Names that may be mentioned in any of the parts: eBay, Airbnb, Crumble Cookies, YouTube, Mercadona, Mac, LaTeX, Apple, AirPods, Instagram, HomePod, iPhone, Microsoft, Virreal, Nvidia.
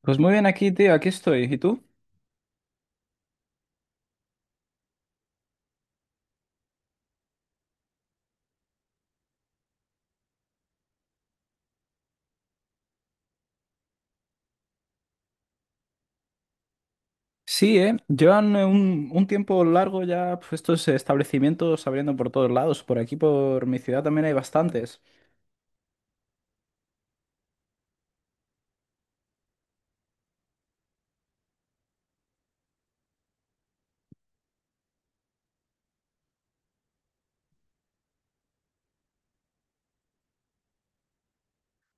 Pues muy bien aquí, tío, aquí estoy. ¿Y tú? Sí, ¿eh? Llevan un tiempo largo ya pues, estos establecimientos abriendo por todos lados. Por aquí, por mi ciudad, también hay bastantes.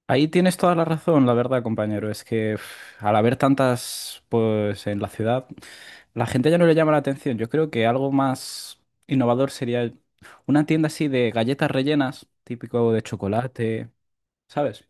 Ahí tienes toda la razón, la verdad, compañero. Es que uf, al haber tantas, pues, en la ciudad, la gente ya no le llama la atención. Yo creo que algo más innovador sería una tienda así de galletas rellenas, típico de chocolate, ¿sabes?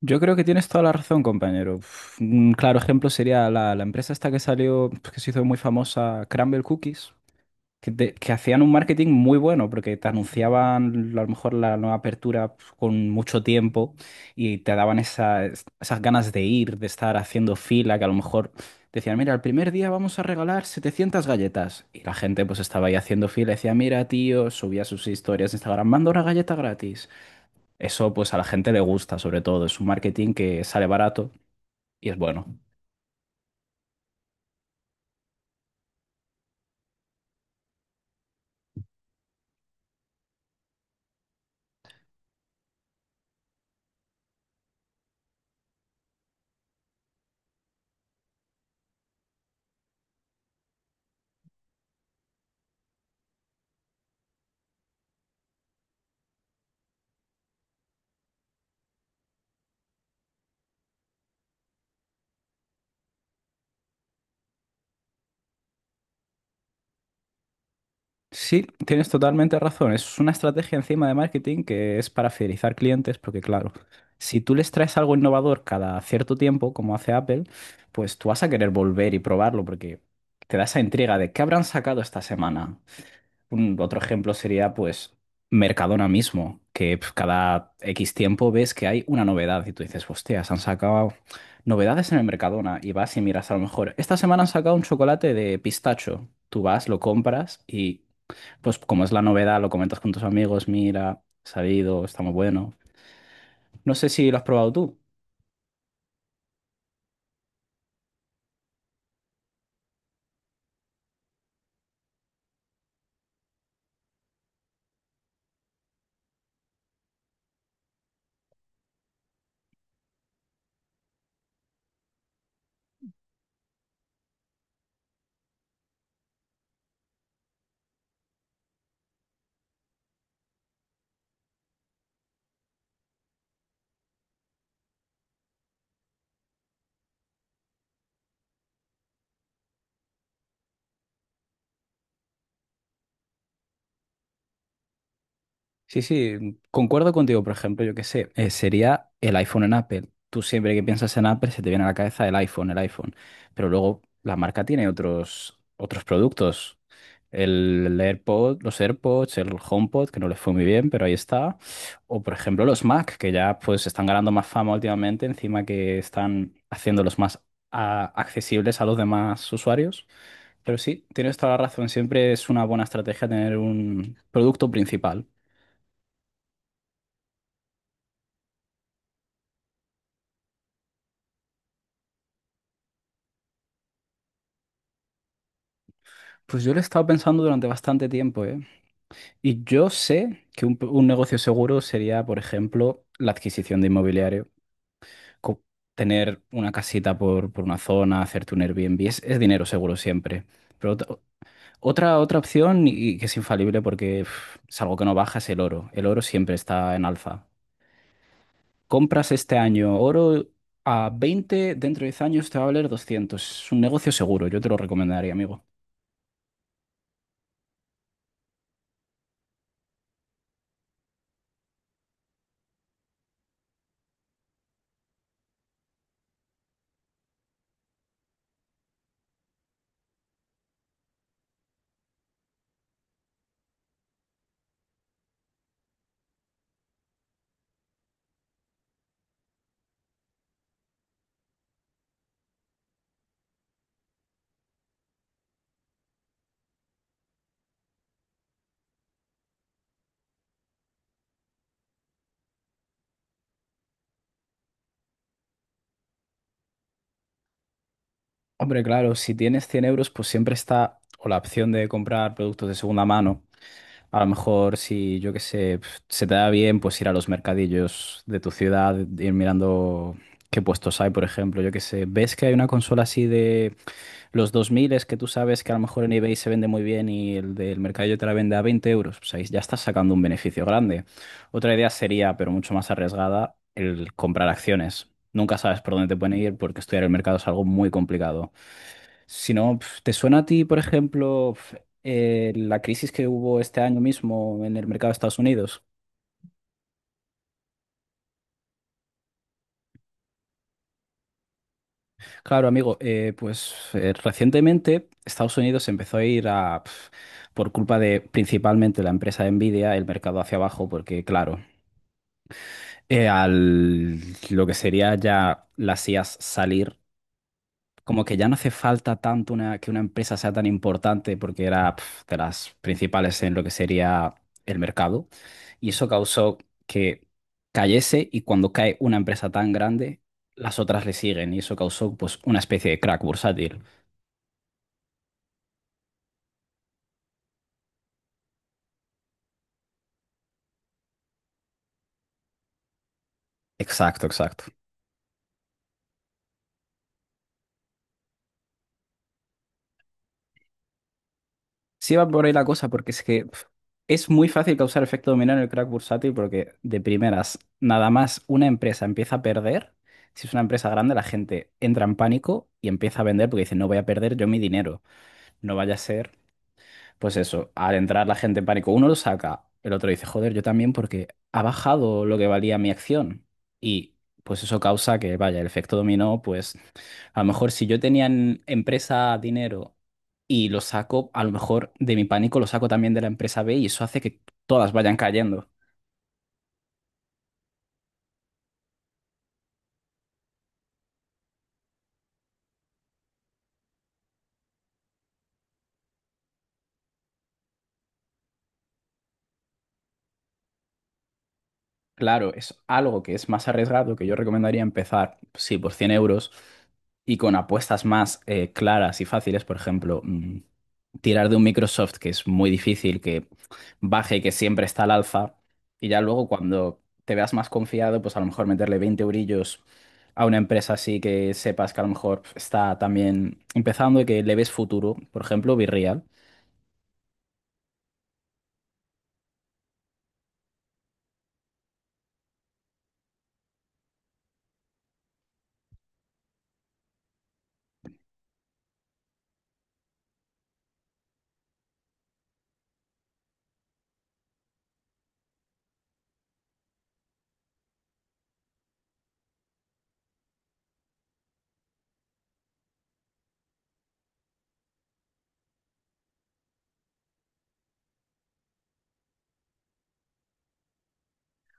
Yo creo que tienes toda la razón, compañero. Uf, un claro ejemplo sería la empresa esta que salió, pues, que se hizo muy famosa, Crumble Cookies, que, que hacían un marketing muy bueno porque te anunciaban a lo mejor la nueva apertura pues, con mucho tiempo y te daban esas ganas de ir, de estar haciendo fila, que a lo mejor decían, mira, el primer día vamos a regalar 700 galletas. Y la gente pues estaba ahí haciendo fila, decía, mira, tío, subía sus historias de Instagram, manda una galleta gratis. Eso pues a la gente le gusta sobre todo, es un marketing que sale barato y es bueno. Sí, tienes totalmente razón, es una estrategia encima de marketing que es para fidelizar clientes, porque claro, si tú les traes algo innovador cada cierto tiempo, como hace Apple, pues tú vas a querer volver y probarlo porque te da esa intriga de qué habrán sacado esta semana. Un otro ejemplo sería pues Mercadona mismo, que pf, cada X tiempo ves que hay una novedad y tú dices, hostia, se han sacado novedades en el Mercadona y vas y miras a lo mejor, esta semana han sacado un chocolate de pistacho, tú vas, lo compras y pues como es la novedad, lo comentas con tus amigos, mira, ha salido, está muy bueno. No sé si lo has probado tú. Sí, sí, concuerdo contigo, por ejemplo, yo qué sé, sería el iPhone en Apple. Tú siempre que piensas en Apple se te viene a la cabeza el iPhone, el iPhone. Pero luego la marca tiene otros productos. El AirPod, los AirPods, el HomePod, que no les fue muy bien, pero ahí está. O por ejemplo los Mac, que ya pues están ganando más fama últimamente, encima que están haciéndolos más accesibles a los demás usuarios. Pero sí, tienes toda la razón, siempre es una buena estrategia tener un producto principal. Pues yo lo he estado pensando durante bastante tiempo, ¿eh? Y yo sé que un negocio seguro sería, por ejemplo, la adquisición de inmobiliario. Co- Tener una casita por una zona, hacerte un Airbnb, es dinero seguro siempre. Pero otra opción, y que es infalible porque uf, es algo que no baja, es el oro. El oro siempre está en alza. Compras este año oro a 20 dentro de 10 años te va a valer 200. Es un negocio seguro, yo te lo recomendaría, amigo. Hombre, claro, si tienes 100 euros, pues siempre está o la opción de comprar productos de segunda mano. A lo mejor, si yo qué sé, pf, se te da bien, pues ir a los mercadillos de tu ciudad, ir mirando qué puestos hay, por ejemplo, yo qué sé. ¿Ves que hay una consola así de los 2000 es que tú sabes que a lo mejor en eBay se vende muy bien y el del mercadillo te la vende a 20 euros? Pues ahí ya estás sacando un beneficio grande. Otra idea sería, pero mucho más arriesgada, el comprar acciones. Nunca sabes por dónde te pueden ir porque estudiar el mercado es algo muy complicado. Si no, pf, ¿te suena a ti, por ejemplo, pf, la crisis que hubo este año mismo en el mercado de Estados Unidos? Claro, amigo, recientemente Estados Unidos empezó a ir a, pf, por culpa de principalmente la empresa de Nvidia, el mercado hacia abajo, porque claro, al lo que sería ya las IAs salir como que ya no hace falta tanto que una empresa sea tan importante porque era pf, de las principales en lo que sería el mercado. Y eso causó que cayese y cuando cae una empresa tan grande, las otras le siguen y eso causó pues una especie de crack bursátil. Exacto, exacto. Sí va por ahí la cosa, porque es que pf, es muy fácil causar efecto dominó en el crack bursátil porque de primeras, nada más una empresa empieza a perder, si es una empresa grande, la gente entra en pánico y empieza a vender porque dice, no voy a perder yo mi dinero, no vaya a ser, pues eso, al entrar la gente en pánico, uno lo saca, el otro dice, joder, yo también porque ha bajado lo que valía mi acción y pues eso causa que, vaya, el efecto dominó pues a lo mejor si yo tenía en empresa dinero y lo saco, a lo mejor de mi pánico lo saco también de la empresa B y eso hace que todas vayan cayendo. Claro, es algo que es más arriesgado, que yo recomendaría empezar, sí, por 100 euros y con apuestas más claras y fáciles, por ejemplo, tirar de un Microsoft, que es muy difícil que baje, que siempre está al alza, y ya luego cuando te veas más confiado, pues a lo mejor meterle 20 eurillos a una empresa así que sepas que a lo mejor está también empezando y que le ves futuro, por ejemplo, Virreal.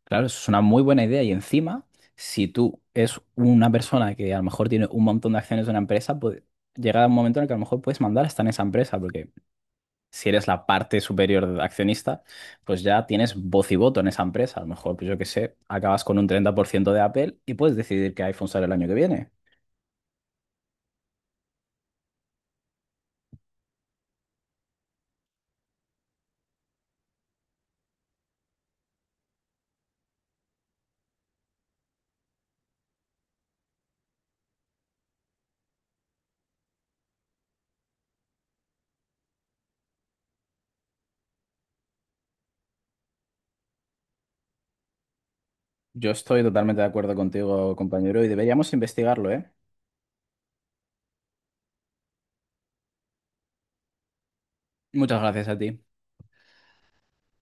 Claro, eso es una muy buena idea. Y encima, si tú es una persona que a lo mejor tiene un montón de acciones de una empresa, pues llega un momento en el que a lo mejor puedes mandar hasta en esa empresa, porque si eres la parte superior de accionista, pues ya tienes voz y voto en esa empresa. A lo mejor, pues yo qué sé, acabas con un 30% de Apple y puedes decidir qué iPhone sale el año que viene. Yo estoy totalmente de acuerdo contigo, compañero, y deberíamos investigarlo, ¿eh? Muchas gracias a ti.